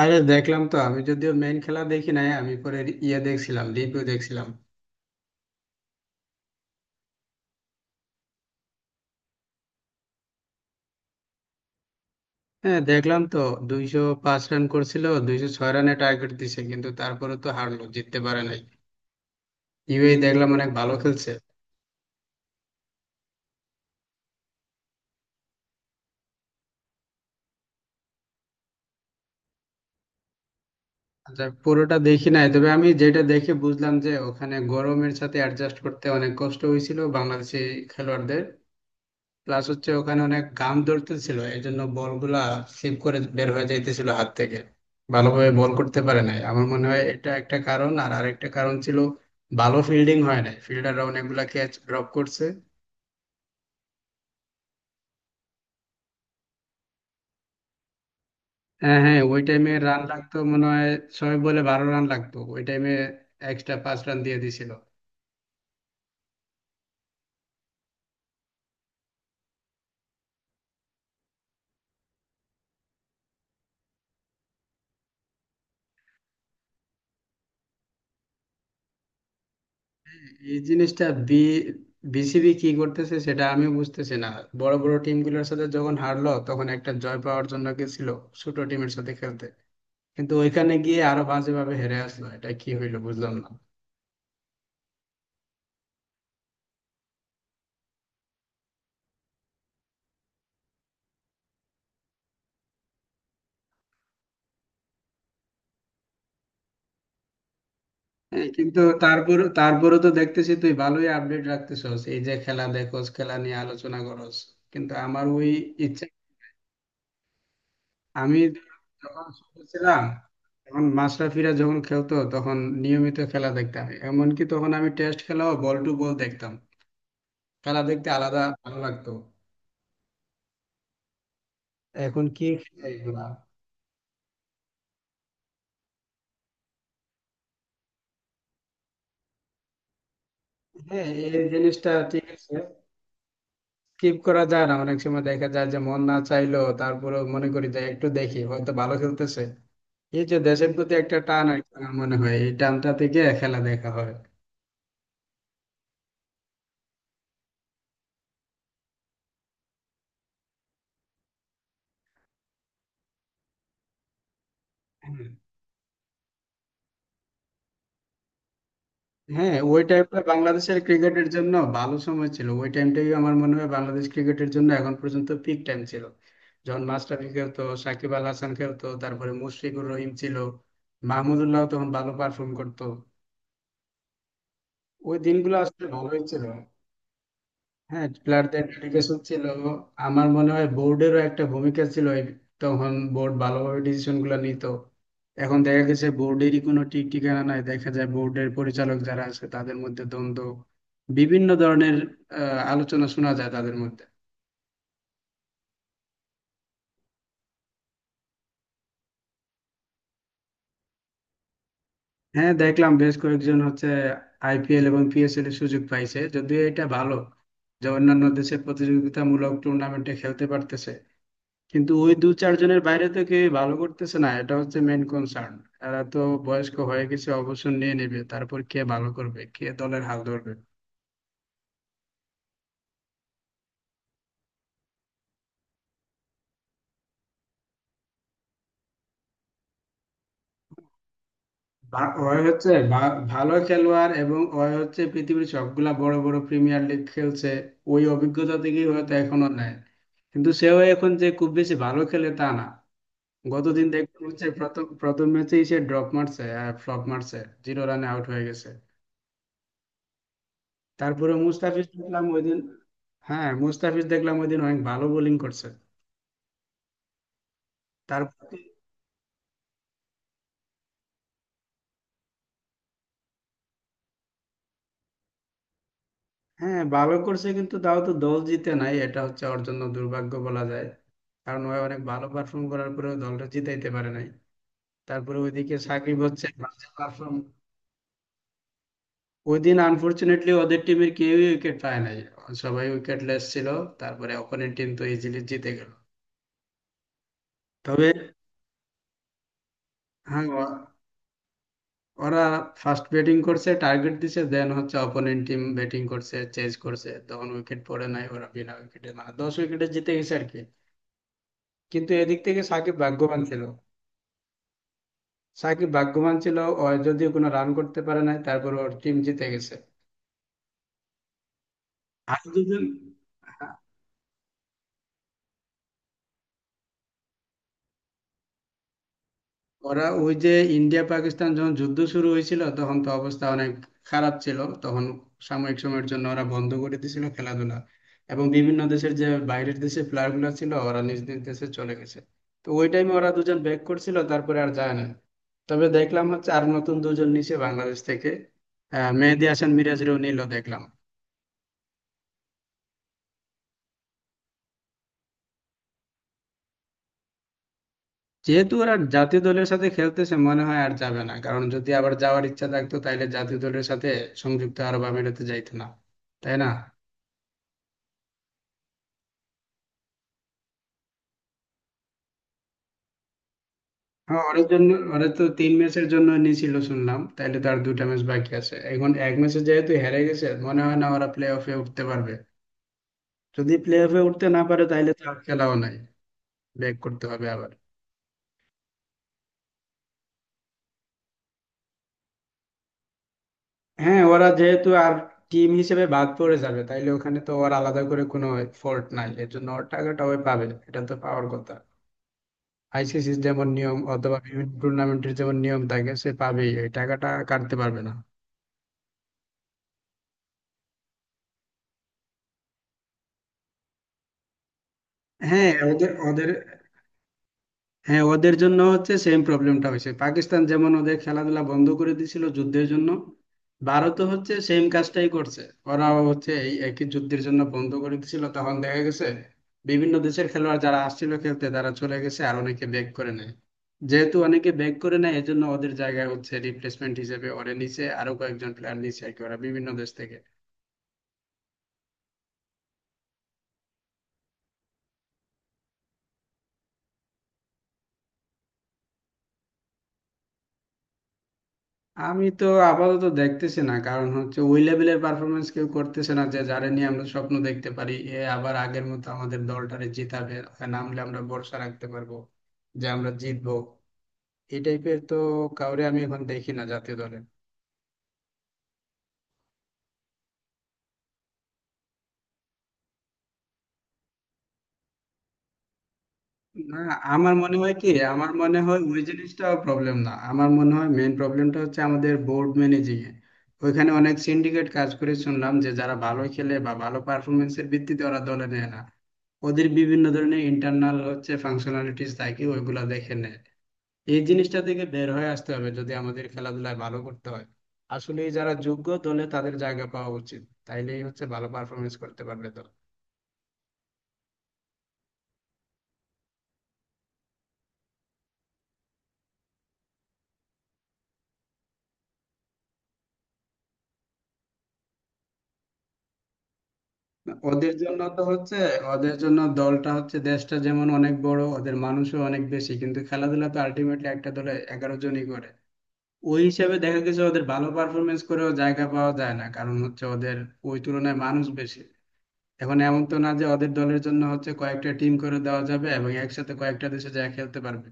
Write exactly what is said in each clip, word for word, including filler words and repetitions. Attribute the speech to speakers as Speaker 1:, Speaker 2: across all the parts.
Speaker 1: আরে দেখলাম তো। আমি যদিও মেইন খেলা দেখি নাই, আমি পরে ইয়ে দেখছিলাম, রিভিউ দেখছিলাম। হ্যাঁ, দেখলাম তো। দুইশো পাঁচ রান করছিল, দুইশো ছয় রানে টার্গেট দিছে, কিন্তু তারপরে তো হারলো, জিততে পারে নাই। ইউএই দেখলাম অনেক ভালো খেলছে। আচ্ছা, পুরোটা দেখি নাই, তবে আমি যেটা দেখে বুঝলাম যে ওখানে গরমের সাথে অ্যাডজাস্ট করতে অনেক কষ্ট হয়েছিল বাংলাদেশি খেলোয়াড়দের। প্লাস হচ্ছে ওখানে অনেক ঘাম ধরতেছিল, এই জন্য বলগুলা স্লিপ করে বের হয়ে যাইতেছিল হাত থেকে, ভালোভাবে বল করতে পারে নাই। আমার মনে হয় এটা একটা কারণ, আর আরেকটা কারণ ছিল ভালো ফিল্ডিং হয় নাই, ফিল্ডাররা অনেকগুলা ক্যাচ ড্রপ করছে। হ্যাঁ, হ্যাঁ, ওই টাইমে রান লাগতো মনে হয়। ছয় বলে বারো রান লাগতো ওই টাইমে, এক্সট্রা পাঁচ রান দিয়ে দিছিল। এই জিনিসটা বি বিসিবি কি করতেছে সেটা আমি বুঝতেছি না। বড় বড় টিমগুলোর সাথে যখন হারলো, তখন একটা জয় পাওয়ার জন্য গেছিল ছোট টিমের সাথে খেলতে, কিন্তু ওইখানে গিয়ে আরো বাজেভাবে হেরে আসলো, এটা কি হইলো বুঝলাম না। হ্যাঁ, কিন্তু তারপরে তারপরে তো দেখতেছি তুই ভালোই আপডেট রাখতেছস, এই যে খেলা দেখোস, খেলা নিয়ে আলোচনা করস। কিন্তু আমার ওই ইচ্ছা, আমি যখন ছোট ছিলাম তখন মাশরাফিরা যখন খেলতো তখন নিয়মিত খেলা দেখতাম, এমনকি তখন আমি টেস্ট খেলাও বল টু বল দেখতাম। খেলা দেখতে আলাদা ভালো লাগতো। এখন কি খেলে এগুলা। হ্যাঁ, এই জিনিসটা ঠিক আছে, স্কিপ করা যায় না। অনেক সময় দেখা যায় যে মন না চাইলেও তারপরে মনে করি যে একটু দেখি, হয়তো ভালো খেলতেছে। এই যে দেশের প্রতি একটা টান আর কি, আমার মনে হয় এই টানটা থেকে খেলা দেখা হয়। হ্যাঁ, হ্যাঁ, ওই টাইমটা বাংলাদেশের ক্রিকেটের জন্য ভালো সময় ছিল। ওই টাইমটাই আমার মনে হয় বাংলাদেশ ক্রিকেটের জন্য এখন পর্যন্ত পিক টাইম ছিল। যখন মাশরাফি খেলতো, সাকিব আল হাসান খেলতো, তারপরে মুশফিকুর রহিম ছিল, মাহমুদুল্লাহ তখন ভালো পারফর্ম করতো। ওই দিনগুলো আসলে ভালোই ছিল। হ্যাঁ, প্লেয়ারদের ডেডিকেশন ছিল। আমার মনে হয় বোর্ডেরও একটা ভূমিকা ছিল এই, তখন বোর্ড ভালোভাবে ডিসিশন গুলো নিত। এখন দেখা গেছে বোর্ডেরই কোনো ঠিক ঠিকানা নাই, দেখা যায় বোর্ডের পরিচালক যারা আছে তাদের মধ্যে দ্বন্দ্ব, বিভিন্ন ধরনের আহ, আলোচনা শোনা যায় তাদের মধ্যে। হ্যাঁ, দেখলাম বেশ কয়েকজন হচ্ছে আইপিএল এবং পিএসএল এর সুযোগ পাইছে, যদিও এটা ভালো যে অন্যান্য দেশের প্রতিযোগিতামূলক টুর্নামেন্টে খেলতে পারতেছে, কিন্তু ওই দু চারজনের বাইরে তো কেউ ভালো করতেছে না, এটা হচ্ছে মেন কনসার্ন। এরা তো বয়স্ক হয়ে গেছে, অবসর নিয়ে নেবে, তারপর কে ভালো করবে, কে দলের হাল ধরবে। ভা- ওই হচ্ছে ভা- ভালো খেলোয়াড় এবং ওই হচ্ছে পৃথিবীর সবগুলা বড় বড় প্রিমিয়ার লিগ খেলছে, ওই অভিজ্ঞতা থেকেই হয়তো এখনো নেয়। কিন্তু সেও এখন যে খুব বেশি ভালো খেলে তা না। গতদিন দেখতে হচ্ছে প্রথম প্রথম ম্যাচেই সে ড্রপ মারছে, ফ্লপ মারছে, জিরো রানে আউট হয়ে গেছে। তারপরে মুস্তাফিজ দেখলাম ওইদিন, হ্যাঁ মুস্তাফিজ দেখলাম ওইদিন অনেক ভালো বোলিং করছে। তারপরে হ্যাঁ, ভালো করছে কিন্তু তাও তো দল জিতে নাই, এটা হচ্ছে ওর জন্য দুর্ভাগ্য বলা যায়, কারণ ও অনেক ভালো পারফর্ম করার পরেও দলটা জিতাইতে পারে নাই। তারপরে ওইদিকে সাকিব হচ্ছে বাজে পারফর্ম। ওইদিন আনফরচুনেটলি ওদের টিমের কেউই উইকেট পায় নাই, সবাই উইকেটলেস ছিল। তারপরে অপোনেন্ট টিম তো ইজিলি জিতে গেল। তবে হ্যাঁ, ওরা ফার্স্ট ব্যাটিং করছে, টার্গেট দিছে, দেন হচ্ছে অপোনেন্ট টিম ব্যাটিং করছে, চেজ করছে, তখন উইকেট পড়ে নাই, ওরা বিনা উইকেটে মানে দশ উইকেটে জিতে গেছে আর কি। কিন্তু এদিক থেকে সাকিব ভাগ্যবান ছিল, সাকিব ভাগ্যবান ছিল। ও যদিও কোনো রান করতে পারে নাই তারপর ওর টিম জিতে গেছে। আর যদি ওরা ওই যে ইন্ডিয়া পাকিস্তান যখন যুদ্ধ শুরু হয়েছিল তখন তো অবস্থা অনেক খারাপ ছিল, তখন সাময়িক সময়ের জন্য ওরা বন্ধ করে দিয়েছিল খেলাধুলা, এবং বিভিন্ন দেশের যে বাইরের দেশে প্লেয়ার গুলো ছিল ওরা নিজ নিজ দেশে চলে গেছে। তো ওই টাইমে ওরা দুজন ব্যাক করছিল, তারপরে আর যায় না। তবে দেখলাম হচ্ছে আর নতুন দুজন নিচে বাংলাদেশ থেকে, আহ মেহেদী হাসান মিরাজরেও নিল দেখলাম। যেহেতু ওরা জাতীয় দলের সাথে খেলতেছে মনে হয় আর যাবে না, কারণ যদি আবার যাওয়ার ইচ্ছা থাকতো তাহলে জাতীয় দলের সাথে সংযুক্ত আরব আমিরাতে যাইতো না, তাই না। হ্যাঁ, ওর জন্য ওরা তো তিন ম্যাচের জন্য নিয়েছিল শুনলাম, তাইলে তার দুটা ম্যাচ বাকি আছে এখন। এক ম্যাচে যেহেতু হেরে গেছে মনে হয় না ওরা প্লে অফে উঠতে পারবে। যদি প্লে অফে উঠতে না পারে তাহলে তো আর খেলাও নাই, ব্যাক করতে হবে আবার। হ্যাঁ, ওরা যেহেতু আর টিম হিসেবে বাদ পড়ে যাবে, তাইলে ওখানে তো ওর আলাদা করে কোনো ফল্ট নাই, এর জন্য ওর টাকাটা ওই পাবে, এটা তো পাওয়ার কথা। আইসিসির যেমন নিয়ম অথবা বিভিন্ন টুর্নামেন্টের যেমন নিয়ম থাকে, সে পাবেই, এই টাকাটা কাটতে পারবে না। হ্যাঁ ওদের ওদের, হ্যাঁ ওদের জন্য হচ্ছে সেম প্রবলেমটা হয়েছে। পাকিস্তান যেমন ওদের খেলাধুলা বন্ধ করে দিয়েছিল যুদ্ধের জন্য, ভারতও হচ্ছে সেম কাজটাই করছে, ওরাও হচ্ছে এই একই যুদ্ধের জন্য বন্ধ করে দিয়েছিল। তখন দেখা গেছে বিভিন্ন দেশের খেলোয়াড় যারা আসছিল খেলতে তারা চলে গেছে, আর অনেকে ব্যাক করে নেয়। যেহেতু অনেকে ব্যাক করে নেয় এজন্য ওদের জায়গায় হচ্ছে রিপ্লেসমেন্ট হিসেবে ওরা নিচে আরো কয়েকজন প্লেয়ার নিচে আর কি, ওরা বিভিন্ন দেশ থেকে। আমি তো আপাতত দেখতেছি না, কারণ হচ্ছে ওই লেভেলের পারফরমেন্স কেউ করতেছে না, যে যারা নিয়ে আমরা স্বপ্ন দেখতে পারি এ আবার আগের মতো আমাদের দলটারে জিতাবে, নামলে আমরা ভরসা রাখতে পারবো যে আমরা জিতবো, এই টাইপের তো কাউরে আমি এখন দেখি না জাতীয় দলে। না, আমার মনে হয় কি, আমার মনে হয় ওই জিনিসটা প্রবলেম না, আমার মনে হয় মেইন প্রবলেমটা হচ্ছে আমাদের বোর্ড ম্যানেজিং এ। ওইখানে অনেক সিন্ডিকেট কাজ করে শুনলাম, যে যারা ভালো খেলে বা ভালো পারফরমেন্সের ভিত্তিতে ওরা দলে নেয় না, ওদের বিভিন্ন ধরনের ইন্টারনাল হচ্ছে ফাংশনালিটিস থাকে, ওইগুলা দেখে নেয়। এই জিনিসটা থেকে বের হয়ে আসতে হবে যদি আমাদের খেলাধুলায় ভালো করতে হয়। আসলে যারা যোগ্য দলে, তাদের জায়গা পাওয়া উচিত, তাইলেই হচ্ছে ভালো পারফরমেন্স করতে পারবে দল। ওদের জন্য তো হচ্ছে, ওদের জন্য দলটা হচ্ছে দেশটা যেমন অনেক বড়, ওদের মানুষও অনেক বেশি, কিন্তু খেলাধুলা তো আলটিমেটলি একটা দলে এগারো জনই করে। ওই হিসাবে দেখা গেছে ওদের ভালো পারফরমেন্স করেও জায়গা পাওয়া যায় না, কারণ হচ্ছে ওদের ওই তুলনায় মানুষ বেশি। এখন এমন তো না যে ওদের দলের জন্য হচ্ছে কয়েকটা টিম করে দেওয়া যাবে এবং একসাথে কয়েকটা দেশে যায় খেলতে পারবে।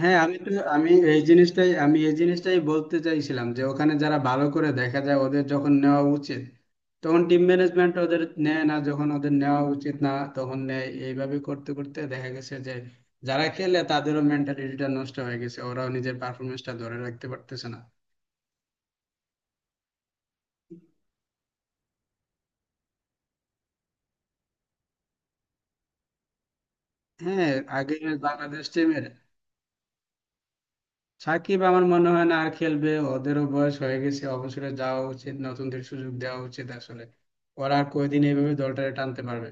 Speaker 1: হ্যাঁ আমি তো আমি এই জিনিসটাই আমি এই জিনিসটাই বলতে চাইছিলাম যে ওখানে যারা ভালো করে দেখা যায় ওদের যখন নেওয়া উচিত তখন টিম ম্যানেজমেন্ট ওদের নেয় না, যখন ওদের নেওয়া উচিত না তখন নেয়। এইভাবে করতে করতে দেখা গেছে যে যারা খেলে তাদেরও মেন্টালিটিটা নষ্ট হয়ে গেছে, ওরাও নিজের পারফরমেন্সটা ধরে রাখতে পারতেছে না। হ্যাঁ, আগে বাংলাদেশ টিমের সাকিব, আমার মনে হয় না আর খেলবে, ওদেরও বয়স হয়ে গেছে, অবসরে যাওয়া উচিত, নতুনদের সুযোগ দেওয়া উচিত আসলে। ওরা আর কয়দিন এইভাবে দলটারে টানতে পারবে।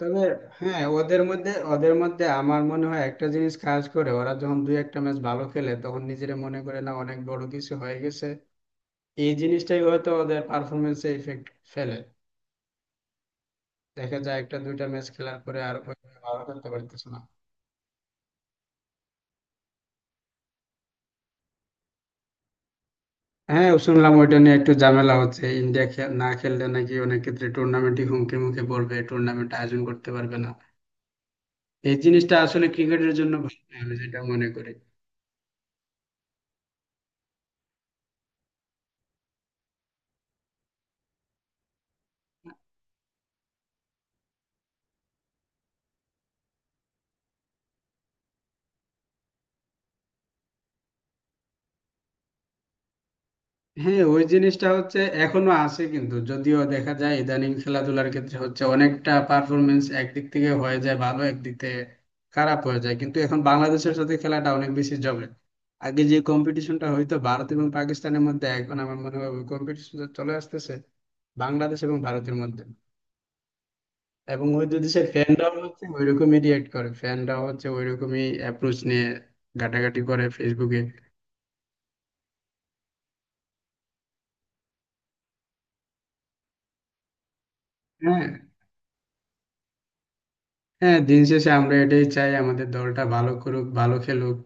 Speaker 1: তবে হ্যাঁ, ওদের মধ্যে ওদের মধ্যে আমার মনে হয় একটা জিনিস কাজ করে, ওরা যখন দুই একটা ম্যাচ ভালো খেলে তখন নিজেরা মনে করে না অনেক বড় কিছু হয়ে গেছে। এই জিনিসটাই হয়তো ওদের পারফরমেন্সে ইফেক্ট ফেলে, দেখা যায় একটা দুইটা ম্যাচ খেলার পরে আর ওইভাবে ভালো খেলতে পারতেছে না। হ্যাঁ, শুনলাম ওইটা নিয়ে একটু ঝামেলা হচ্ছে, ইন্ডিয়া খে- না খেললে নাকি অনেক ক্ষেত্রে টুর্নামেন্টই হুমকির মুখে পড়বে, টুর্নামেন্ট আয়োজন করতে পারবে না। এই জিনিসটা আসলে ক্রিকেটের জন্য ভালো না, আমি যেটা মনে করি। হ্যাঁ, ওই জিনিসটা হচ্ছে এখনো আছে, কিন্তু যদিও দেখা যায় ইদানিং খেলাধুলার ক্ষেত্রে হচ্ছে অনেকটা পারফরমেন্স একদিক থেকে হয়ে যায় ভালো, একদিক থেকে খারাপ হয়ে যায়, কিন্তু এখন বাংলাদেশের সাথে খেলাটা অনেক বেশি জমে। আগে যে কম্পিটিশনটা হইতো ভারত এবং পাকিস্তানের মধ্যে, এখন আমার মনে হয় কম্পিটিশন চলে আসতেছে বাংলাদেশ এবং ভারতের মধ্যে, এবং ওই দুই দেশের ফ্যানরাও হচ্ছে ওইরকমই রিয়েক্ট করে, ফ্যানরাও হচ্ছে ওইরকমই অ্যাপ্রোচ নিয়ে ঘাটাঘাটি করে ফেসবুকে। হ্যাঁ, হ্যাঁ, দিন শেষে আমরা এটাই চাই আমাদের দলটা ভালো করুক, ভালো খেলুক।